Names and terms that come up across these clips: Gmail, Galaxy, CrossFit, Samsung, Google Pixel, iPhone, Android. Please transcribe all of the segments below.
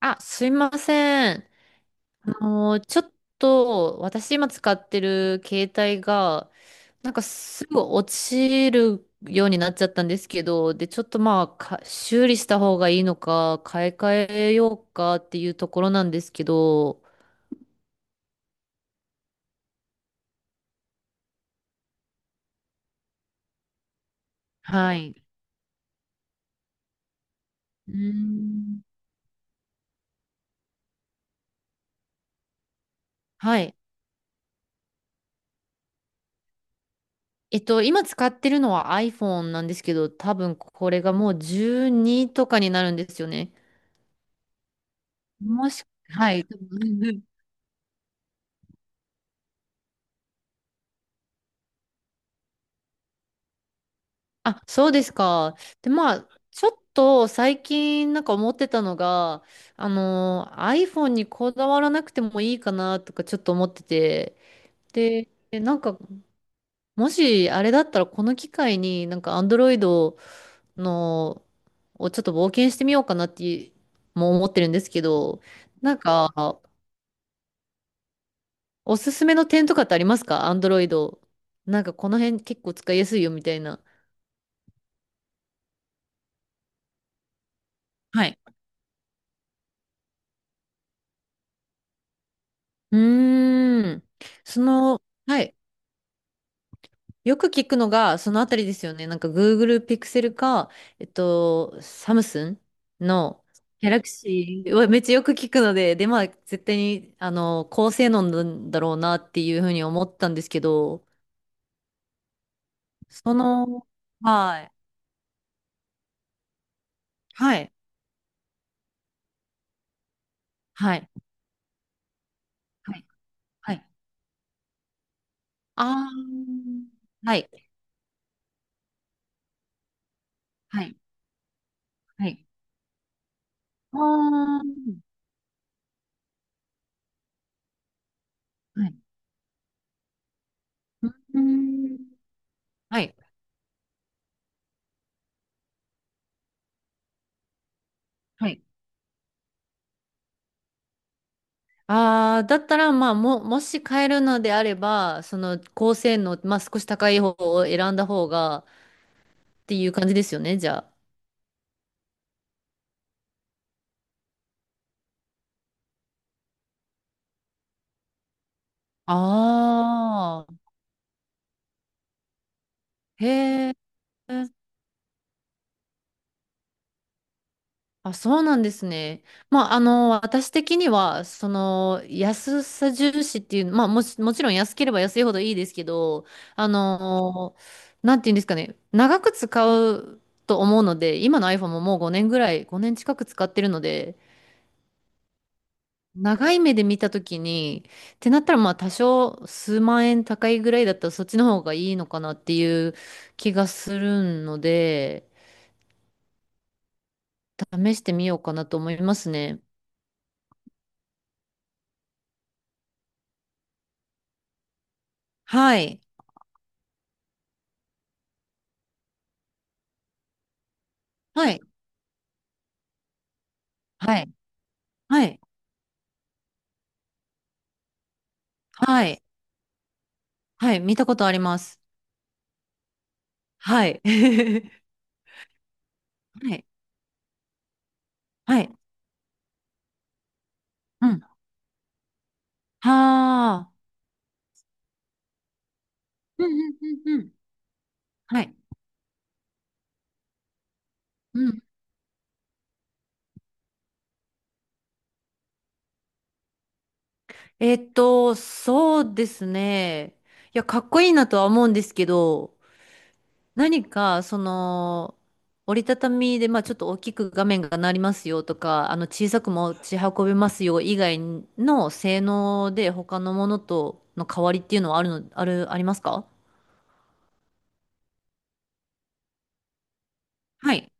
あ、すいません。ちょっと、私今使ってる携帯が、なんかすぐ落ちるようになっちゃったんですけど、で、ちょっとまあ、か修理した方がいいのか、買い替えようかっていうところなんですけど。はい。うーん。はい。今使ってるのは iPhone なんですけど、多分これがもう12とかになるんですよね。はい。あ、そうですか。で、まあ、ちょっと最近なんか思ってたのが、iPhone にこだわらなくてもいいかなとかちょっと思ってて、でなんか、もしあれだったらこの機会になんか Android のをちょっと冒険してみようかなっても思ってるんですけど、なんか、おすすめの点とかってありますか、 Android？なんかこの辺結構使いやすいよみたいな。はい。うーん。その、はい。よく聞くのが、そのあたりですよね。なんか Google Pixel か、サムスンの Galaxy はめっちゃよく聞くので、で、まあ、絶対に、高性能なんだろうなっていうふうに思ったんですけど。その、はい。はい。はい。はい。はい。あー。はい。はい。はい。あー。はい。うーん。はい。はい。ああ、だったら、まあ、もし買えるのであれば、その高性能、まあ、少し高い方を選んだ方が、っていう感じですよね、じゃあ。ああ、へえ。あ、そうなんですね。まあ、私的には、その安さ重視っていう、まあ、もし、もちろん安ければ安いほどいいですけど、あの、なんていうんですかね、長く使うと思うので、今の iPhone ももう5年ぐらい、5年近く使ってるので、長い目で見たときに、ってなったらまあ多少数万円高いぐらいだったらそっちの方がいいのかなっていう気がするので、試してみようかなと思いますね。はい。はい。はい。はい。はい。はい。見たことあります。はい。はい。はい。うん。はあ。うんうんうんうん。はい。うん。そうですね。いや、かっこいいなとは思うんですけど、何か、その折りたたみで、まあちょっと大きく画面がなりますよとか、あの小さく持ち運べますよ以外の性能で他のものとの変わりっていうのはあるの、ある、ありますか？はい。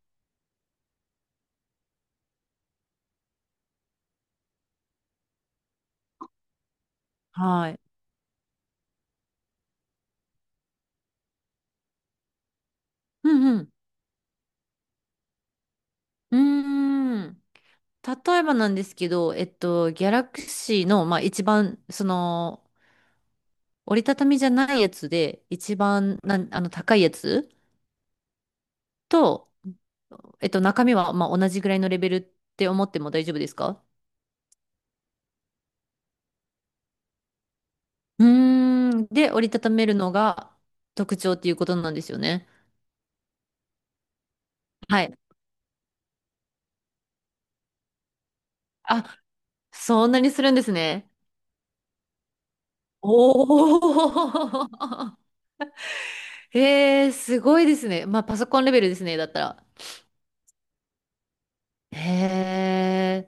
はい。うんうん。うーん。例えばなんですけど、ギャラクシーの、まあ一番、その折りたたみじゃないやつで、一番なん、高いやつと、中身は、まあ同じぐらいのレベルって思っても大丈夫ですか？うーん。で、折りたためるのが特徴っていうことなんですよね。はい。あ、そんなにするんですね。おー。へえ、すごいですね。まあ、パソコンレベルですね、だったら。へえ、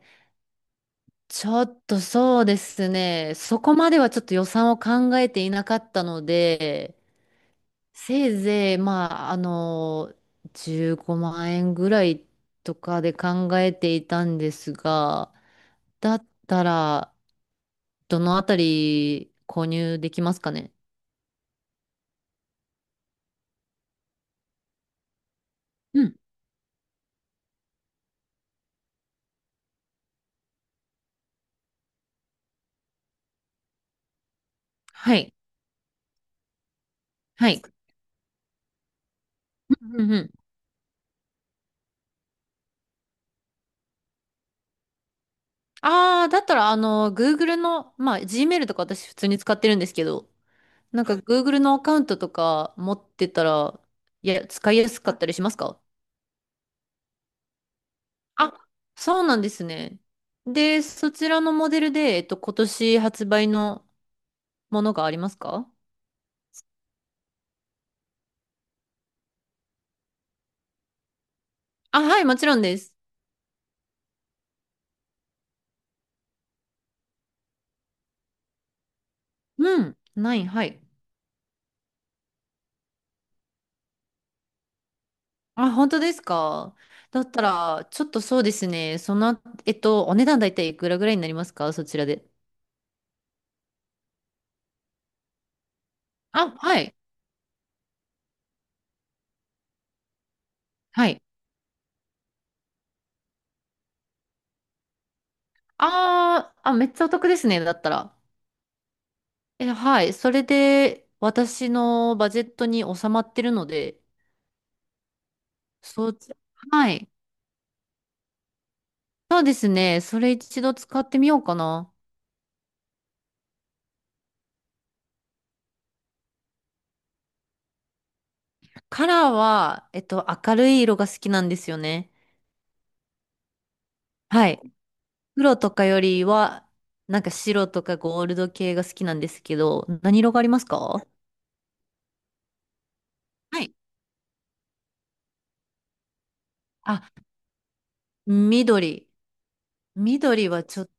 ちょっとそうですね。そこまではちょっと予算を考えていなかったので、せいぜい、まあ、15万円ぐらいとかで考えていたんですが、だったら、どのあたり購入できますかね？うん。はい。はい。うんうん。ああ、だったら、Google の、まあ、Gmail とか私普通に使ってるんですけど、なんか Google のアカウントとか持ってたら、いや、使いやすかったりしますか？あ、そうなんですね。で、そちらのモデルで、今年発売のものがありますか？あ、はい、もちろんです。うん。ない、はい。あ、本当ですか？だったら、ちょっとそうですね。その、お値段大体いくらぐらいになりますか、そちらで？あ、はい。はい。あーあ、めっちゃお得ですね、だったら。え、はい。それで、私のバジェットに収まってるので。そう、はい。そうですね。それ一度使ってみようかな。カラーは、明るい色が好きなんですよね。はい。黒とかよりは、なんか白とかゴールド系が好きなんですけど、何色がありますか？はい。あ、緑。緑はちょっと、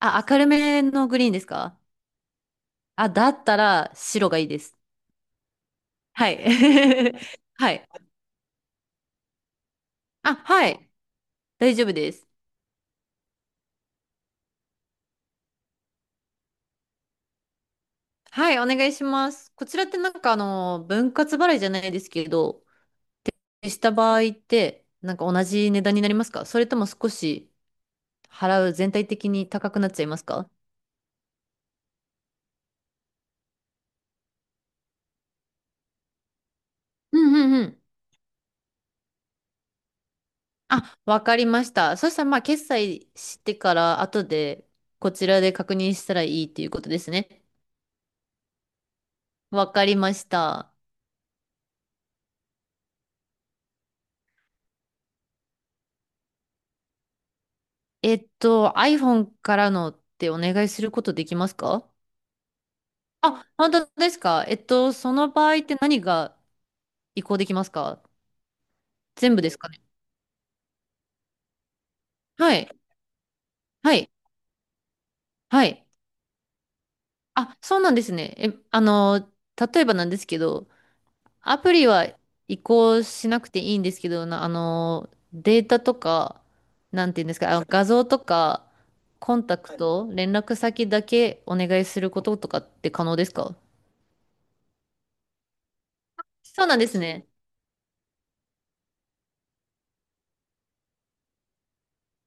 あ、明るめのグリーンですか？あ、だったら白がいいです。はい。はい。あ、はい。大丈夫です。はい、お願いします。こちらってなんか分割払いじゃないですけど、した場合って、なんか同じ値段になりますか、それとも少し払う全体的に高くなっちゃいますか？うんうんうん。あ、わかりました。そしたら、まあ、決済してから、後でこちらで確認したらいいっていうことですね。わかりました。iPhone からのってお願いすることできますか？あ、本当ですか？その場合って何が移行できますか？全部ですかね？はい。はい。はい。あ、そうなんですね。え、例えばなんですけど、アプリは移行しなくていいんですけど、データとか、なんていうんですか、あ、画像とか、コンタクト、連絡先だけお願いすることとかって可能ですか？そうなんですね。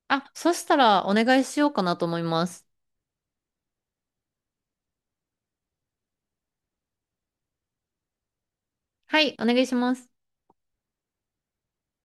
あ、そしたらお願いしようかなと思います。はい、お願いします。